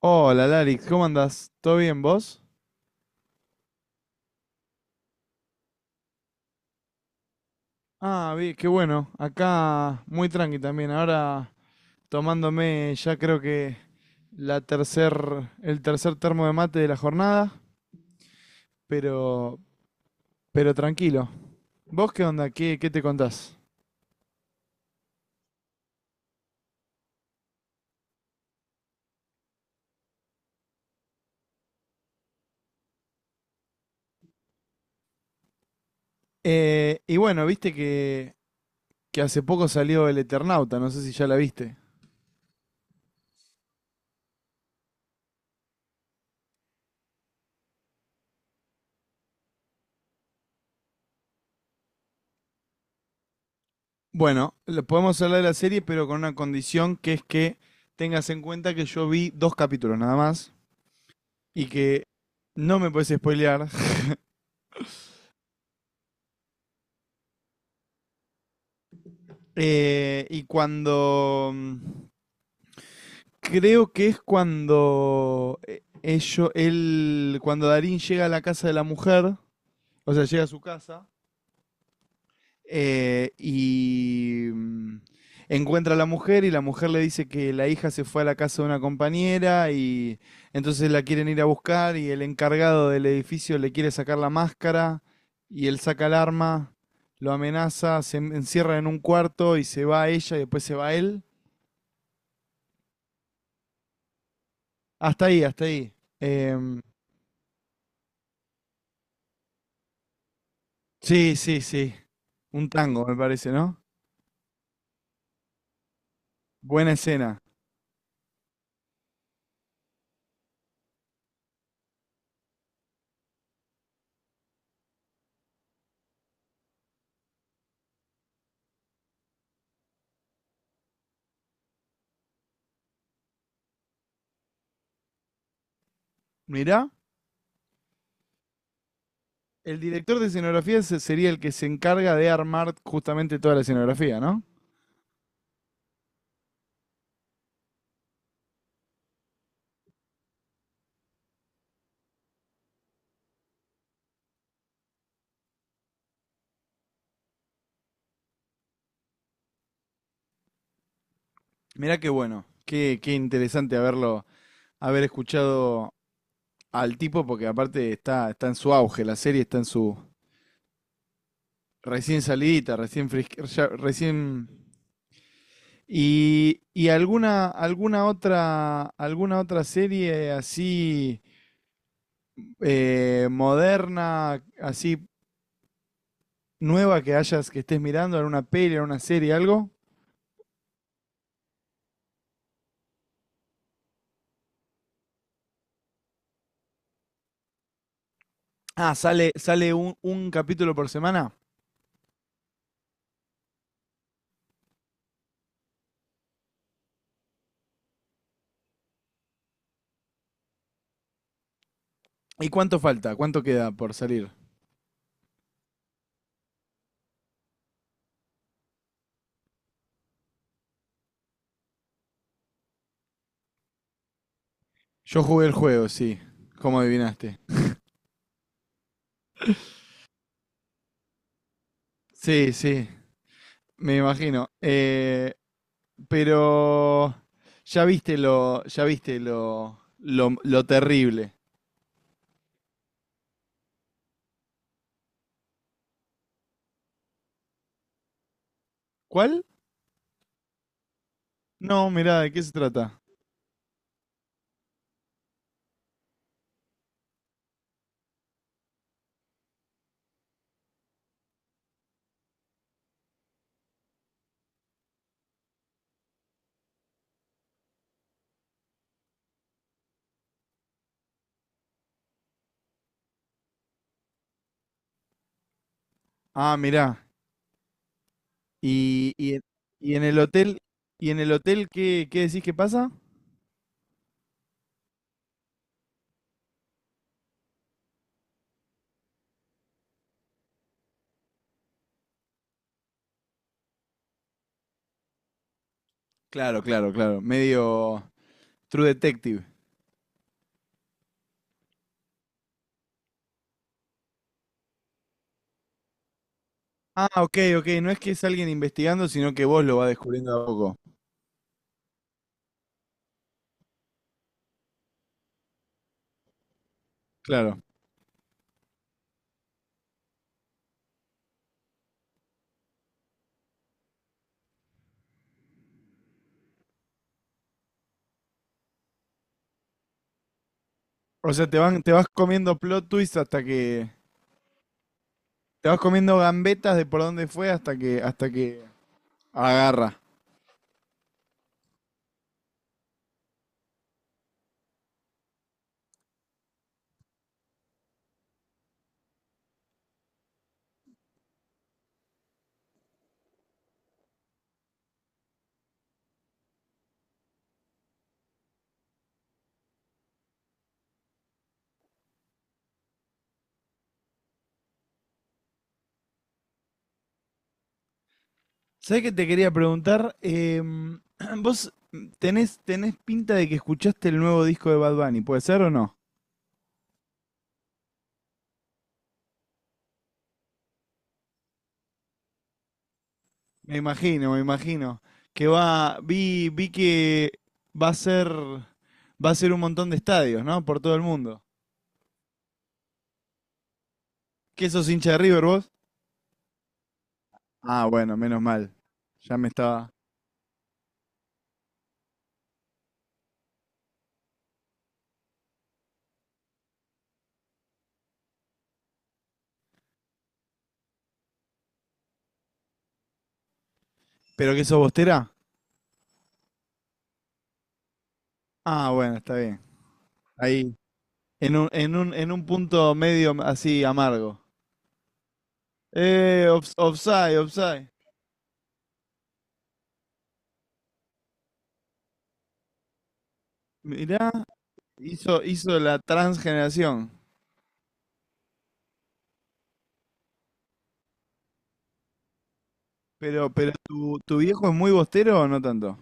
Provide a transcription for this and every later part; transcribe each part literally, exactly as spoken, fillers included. Hola, Larix, ¿cómo andás? ¿Todo bien vos? Ah, bien, qué bueno. Acá muy tranqui también. Ahora tomándome ya creo que la tercer, el tercer termo de mate de la jornada, pero, pero tranquilo. ¿Vos qué onda? ¿Qué, qué te contás? Eh, y bueno, viste que, que hace poco salió El Eternauta, no sé si ya la viste. Bueno, lo- podemos hablar de la serie, pero con una condición que es que tengas en cuenta que yo vi dos capítulos nada más. Y que no me puedes spoilear. Eh, y cuando. mm, Creo que es cuando eh, ello- él, cuando Darín llega a la casa de la mujer, o sea, llega a su casa. Eh, y mm, Encuentra a la mujer y la mujer le dice que la hija se fue a la casa de una compañera y entonces la quieren ir a buscar y el encargado del edificio le quiere sacar la máscara y él saca el arma, lo amenaza, se en- encierra en un cuarto y se va ella y después se va él. Hasta ahí, hasta ahí. Em, sí, sí, sí. Un tango, me parece, ¿no? Buena escena. Mirá. El director de escenografía se- sería el que se encarga de armar justamente toda la escenografía, ¿no? Mirá qué bueno, qué, qué interesante haberlo, haber escuchado al tipo, porque aparte está, está en su auge, la serie está en su recién salidita, recién fresqui- ya- recién. ¿Y, y alguna, alguna otra, alguna otra serie así eh, moderna, así nueva que hayas, que estés mirando, en una peli, en una serie, ¿algo? Ah, sale, sale un, un capítulo por semana. ¿Y cuánto falta? ¿Cuánto queda por salir? Yo jugué el juego, sí, como adivinaste. Sí, sí, me imagino. Eh, pero ya viste lo, ya viste lo, lo, lo terrible. ¿Cuál? No, mirá, ¿de qué se trata? Ah, mirá. Y, y, y en el hotel, ¿y en el hotel qué, qué decís que pasa? Claro, claro, claro. Medio True Detective. Ah, ok, ok. No es que es alguien investigando, sino que vos lo vas descubriendo de a poco. Claro. O sea, te van, te vas comiendo plot twists hasta que. Te vas comiendo gambetas de por dónde fue hasta que, hasta que agarra. ¿Sabés qué te quería preguntar? Em, vos tenés, tenés pinta de que escuchaste el nuevo disco de Bad Bunny, ¿puede ser o no? Me imagino, me imagino. Que va, vi, vi que va a ser, va a ser un montón de estadios, ¿no? Por todo el mundo. ¿Qué sos hincha de River vos? Ah, bueno, menos mal. Ya me estaba. ¿Pero qué sos bostera? Ah, bueno, está bien. Ahí. En un, en un, en un punto medio así amargo. Eh, ops- offside, offside. Mirá, hizo, hizo la transgeneración. Pero, pero ¿tu, tu viejo es muy bostero o no tanto?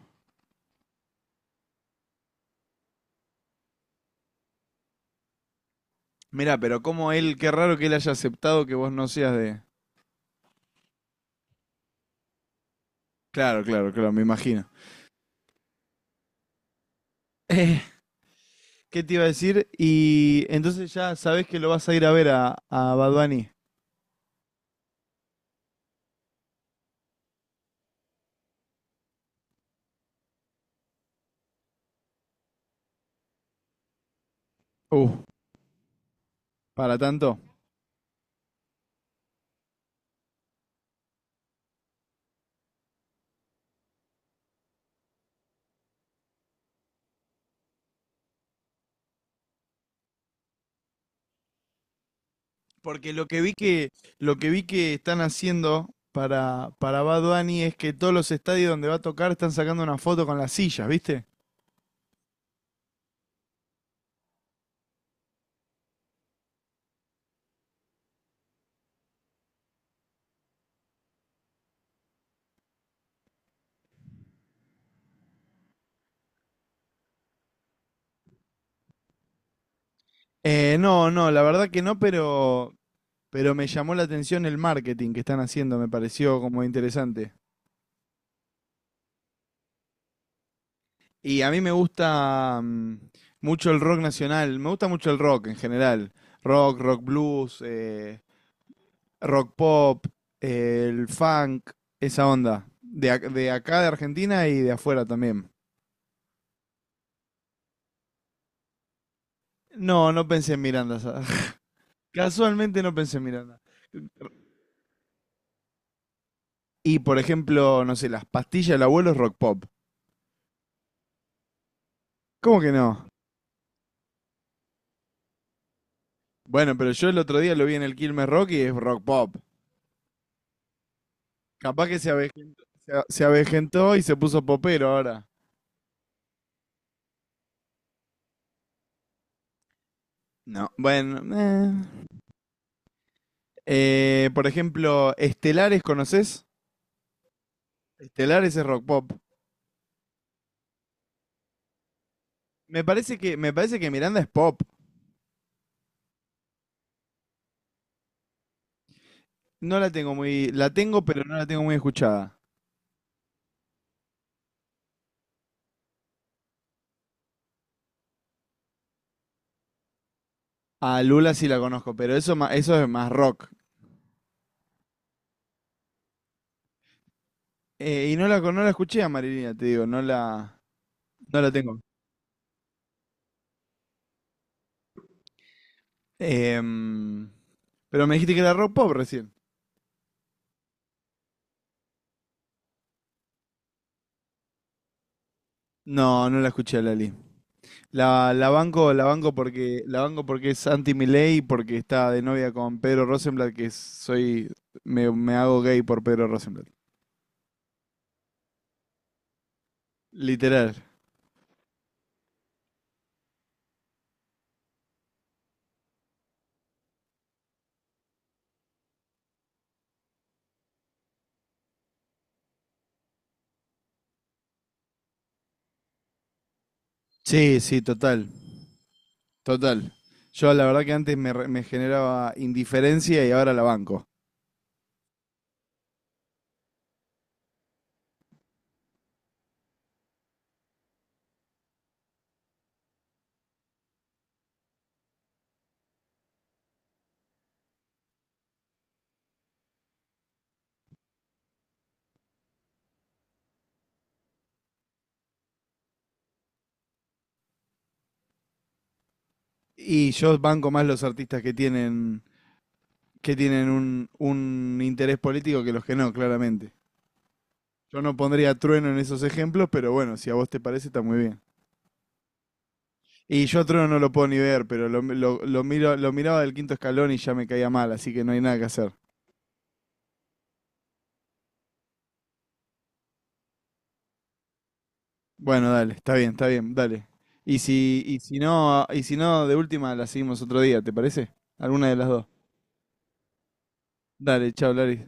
Mirá, pero como él, qué raro que él haya aceptado que vos no seas de... Claro, claro, claro, me imagino. Eh, ¿qué te iba a decir? Y entonces ya sabés que lo vas a ir a ver a, a Bad Bunny. Uh, para tanto. Porque lo que vi que, lo que vi que están haciendo para, para Bad Bunny es que todos los estadios donde va a tocar están sacando una foto con las sillas, ¿viste? Eh, no, no, la verdad que no, pero, pero me llamó la atención el marketing que están haciendo, me pareció como interesante. Y a mí me gusta mm, mucho el rock nacional, me gusta mucho el rock en general. Rock, rock blues, eh, rock pop, eh, el funk, esa onda. De, ac- de acá, de Argentina y de afuera también. No, no pensé en Miranda. sa- Casualmente no pensé en Miranda. Y por ejemplo, no sé, las pastillas del abuelo es rock pop. ¿Cómo que no? Bueno, pero yo el otro día lo vi en el Quilmes Rock y es rock pop. Capaz que se, avejen- se a- se avejentó y se puso popero ahora. No, bueno. eh. Eh, por ejemplo, Estelares, ¿conoces? Estelares es rock pop. Me parece que, me parece que Miranda es pop. No la tengo muy, la tengo, pero no la tengo muy escuchada. A Lula sí la conozco, pero eso, ma- eso es más rock. Eh, y no la, con- no la escuché a Marilina, te digo, no la, no la tengo. Em, pero me dijiste que era rock pop recién. No, no la escuché a Lali. La, la banco, la banco porque, la banco porque es anti Milei, porque está de novia con Pedro Rosenblatt, que soy, me, me hago gay por Pedro Rosenblatt. Literal. Sí, sí, total, total. Yo la verdad que antes me, re- me generaba indiferencia y ahora la banco. Y yo banco más los artistas que tienen, que tienen un, un interés político que los que no, claramente. Yo no pondría a trueno en esos ejemplos, pero bueno, si a vos te parece, está muy bien. Y yo a Trono no lo puedo ni ver, pero lo, lo- lo miro, lo miraba del quinto escalón y ya me caía mal, así que no hay nada que hacer. Bueno, dale, está bien, está bien, dale. Y si, y si no, y si no, de última la seguimos otro día, ¿te parece? Alguna de las dos. Dale, chao, Laris.